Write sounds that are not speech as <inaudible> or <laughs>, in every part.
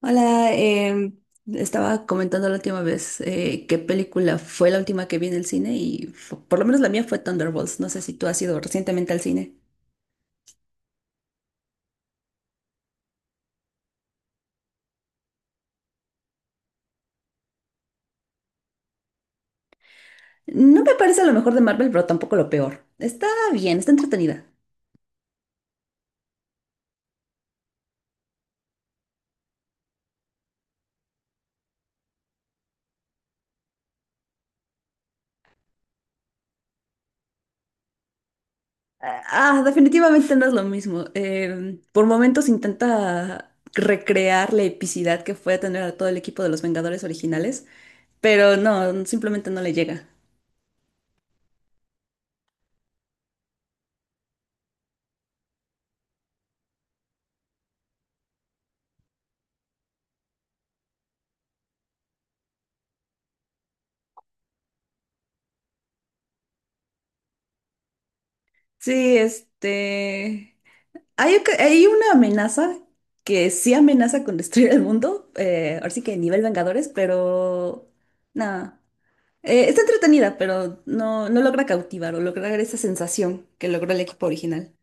Hola. Estaba comentando la última vez qué película fue la última que vi en el cine y por lo menos la mía fue Thunderbolts. No sé si tú has ido recientemente al cine. No me parece lo mejor de Marvel, pero tampoco lo peor. Está bien, está entretenida. Ah, definitivamente no es lo mismo. Por momentos intenta recrear la epicidad que fue tener a todo el equipo de los Vengadores originales, pero no, simplemente no le llega. Sí, este. Hay una amenaza que sí amenaza con destruir el mundo, ahora sí que nivel Vengadores, pero nada. Está entretenida, pero no, no logra cautivar o lograr esa sensación que logró el equipo original.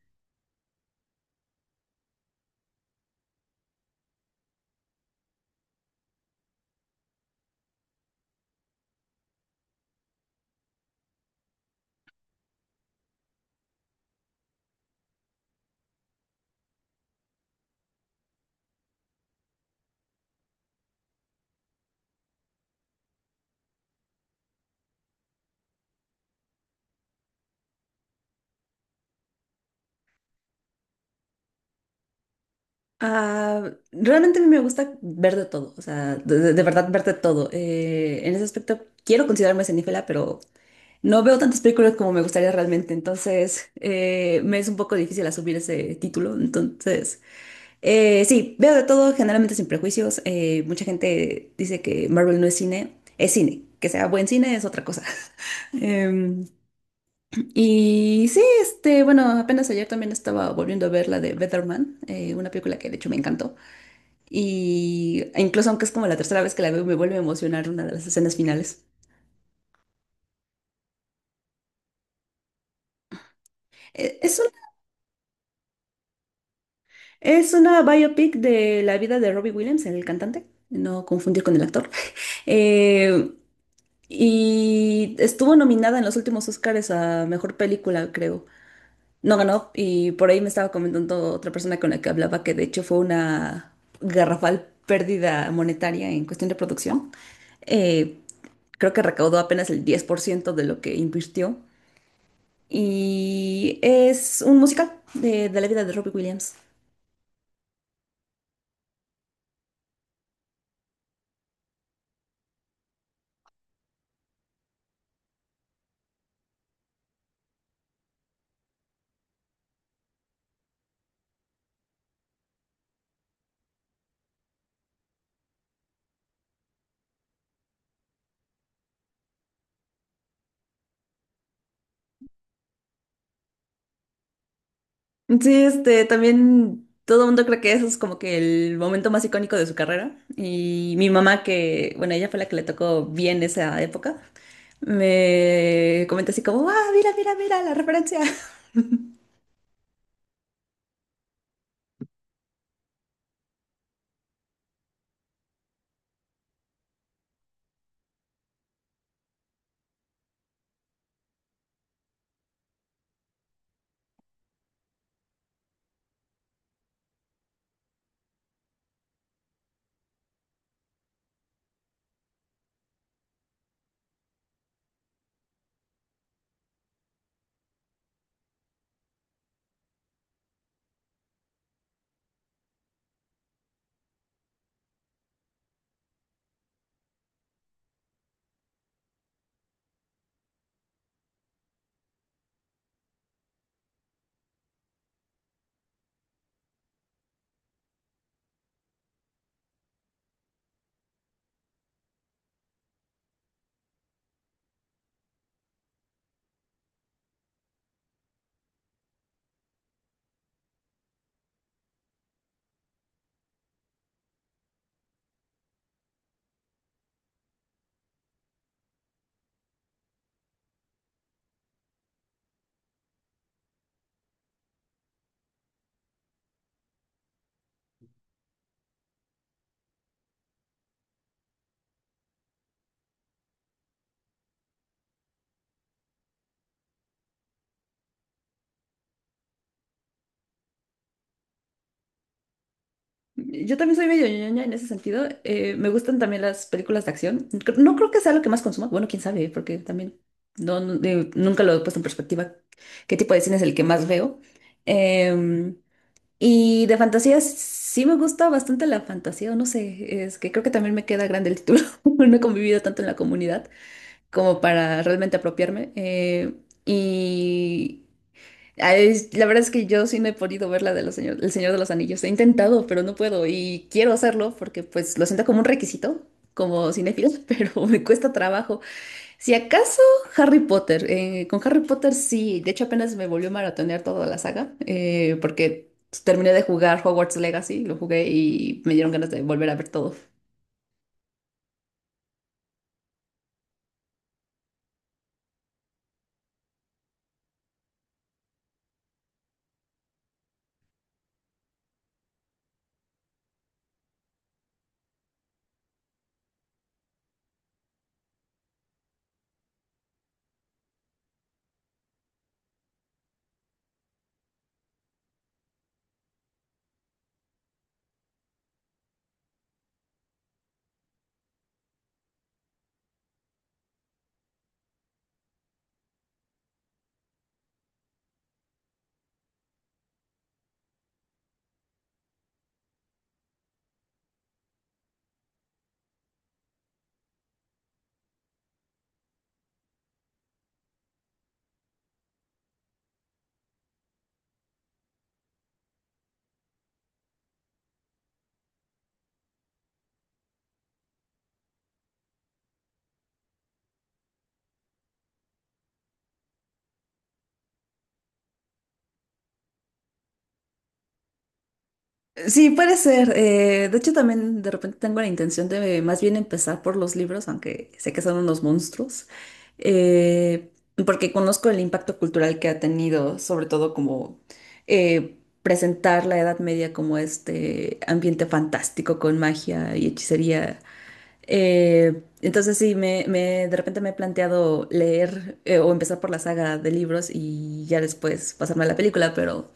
Ah, realmente a mí me gusta ver de todo, o sea, de verdad ver de todo. En ese aspecto quiero considerarme cinéfila, pero no veo tantas películas como me gustaría realmente, entonces me es un poco difícil asumir ese título. Entonces, sí, veo de todo, generalmente sin prejuicios. Mucha gente dice que Marvel no es cine, es cine. Que sea buen cine es otra cosa. <laughs> Em, y sí, este, bueno, apenas ayer también estaba volviendo a ver la de Better Man, una película que de hecho me encantó. Y incluso aunque es como la tercera vez que la veo, me vuelve a emocionar una de las escenas finales. Eh, Es una, es una biopic de la vida de Robbie Williams, el cantante, no confundir con el actor. <laughs> Eh, y estuvo nominada en los últimos Oscars a mejor película, creo. No ganó, y por ahí me estaba comentando otra persona con la que hablaba que de hecho fue una garrafal pérdida monetaria en cuestión de producción. Eh, Creo que recaudó apenas el 10% de lo que invirtió. Y es un musical de la vida de Robbie Williams. Sí, este, también todo el mundo cree que eso es como que el momento más icónico de su carrera. Y mi mamá, que, bueno, ella fue la que le tocó bien esa época, me comentó así como, ah, mira, mira, mira la referencia. <laughs> Yo también soy medio ñoña en ese sentido. Me gustan también las películas de acción. No creo que sea lo que más consumo. Bueno, quién sabe, porque también no, nunca lo he puesto en perspectiva. ¿Qué tipo de cine es el que más veo? Em, y de fantasía sí me gusta bastante la fantasía, o no sé, es que creo que también me queda grande el título. <laughs> No he convivido tanto en la comunidad como para realmente apropiarme. Y La verdad es que yo sí no he podido ver la de los señor, El Señor de los Anillos. He intentado, pero no puedo. Y quiero hacerlo porque pues lo siento como un requisito, como cinéfilo, <laughs> pero me cuesta trabajo. Si acaso Harry Potter, con Harry Potter sí. De hecho apenas me volvió a maratonear toda la saga porque terminé de jugar Hogwarts Legacy, lo jugué y me dieron ganas de volver a ver todo. Sí, puede ser. De hecho, también de repente tengo la intención de más bien empezar por los libros, aunque sé que son unos monstruos, eh, porque conozco el impacto cultural que ha tenido, sobre todo como presentar la Edad Media como este ambiente fantástico con magia y hechicería. Entonces sí, de repente me he planteado leer o empezar por la saga de libros y ya después pasarme a la película, pero...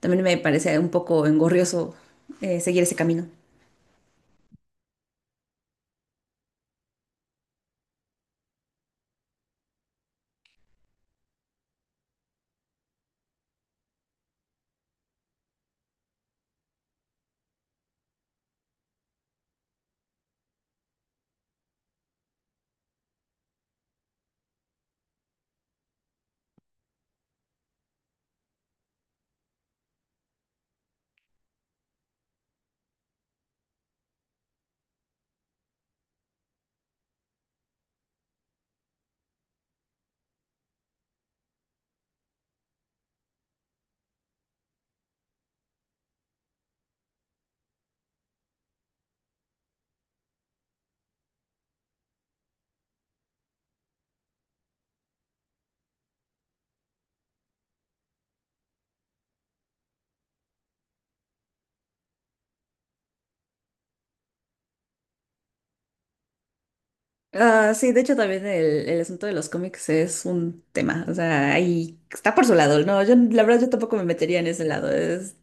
También me parece un poco engorrioso seguir ese camino. Ah, sí, de hecho también el asunto de los cómics es un tema, o sea, ahí está por su lado, no, yo la verdad yo tampoco me metería en ese lado, es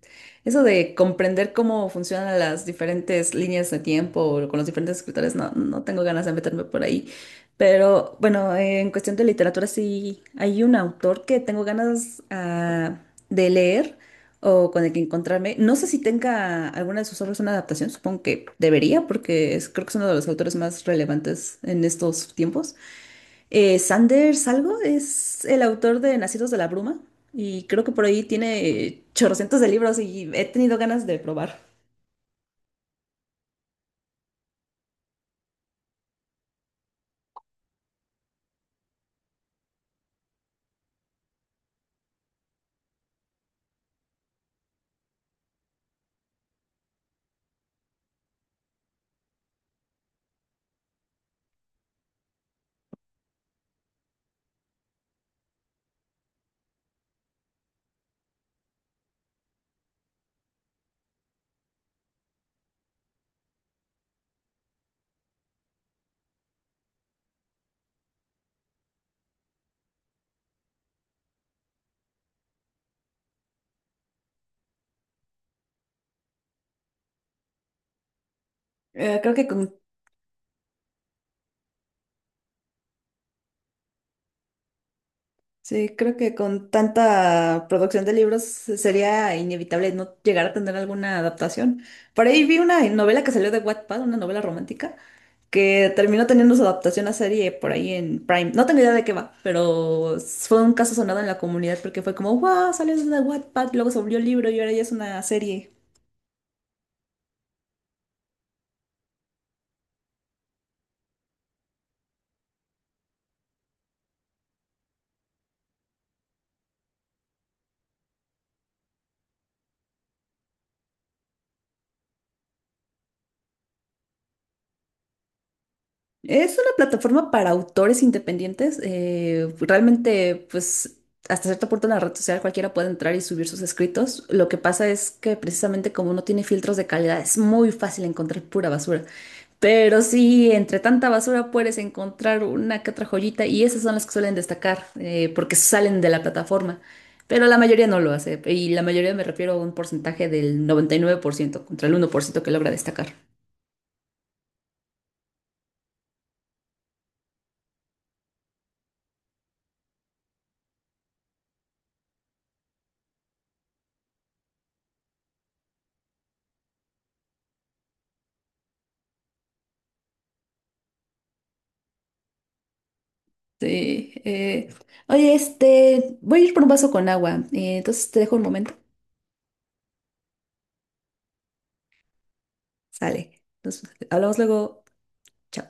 eso de comprender cómo funcionan las diferentes líneas de tiempo o con los diferentes escritores, no, no tengo ganas de meterme por ahí, pero bueno, en cuestión de literatura sí hay un autor que tengo ganas de leer, o con el que encontrarme. No sé si tenga alguna de sus obras una adaptación, supongo que debería, porque es, creo que es uno de los autores más relevantes en estos tiempos. Sanders algo es el autor de Nacidos de la Bruma y creo que por ahí tiene chorrocientos de libros y he tenido ganas de probar. Eh, creo que con, sí, creo que con tanta producción de libros sería inevitable no llegar a tener alguna adaptación. Por ahí vi una novela que salió de Wattpad, una novela romántica que terminó teniendo su adaptación a serie por ahí en Prime. No tengo idea de qué va, pero fue un caso sonado en la comunidad porque fue como, wow, salió de Wattpad, luego se volvió libro y ahora ya es una serie. Es una plataforma para autores independientes. Realmente, pues, hasta cierto punto en la red social cualquiera puede entrar y subir sus escritos. Lo que pasa es que precisamente como no tiene filtros de calidad, es muy fácil encontrar pura basura. Pero sí, entre tanta basura puedes encontrar una que otra joyita y esas son las que suelen destacar porque salen de la plataforma. Pero la mayoría no lo hace y la mayoría me refiero a un porcentaje del 99% contra el 1% que logra destacar. Sí, oye, este, voy a ir por un vaso con agua. Entonces te dejo un momento. Sale. Nos hablamos luego. Chao.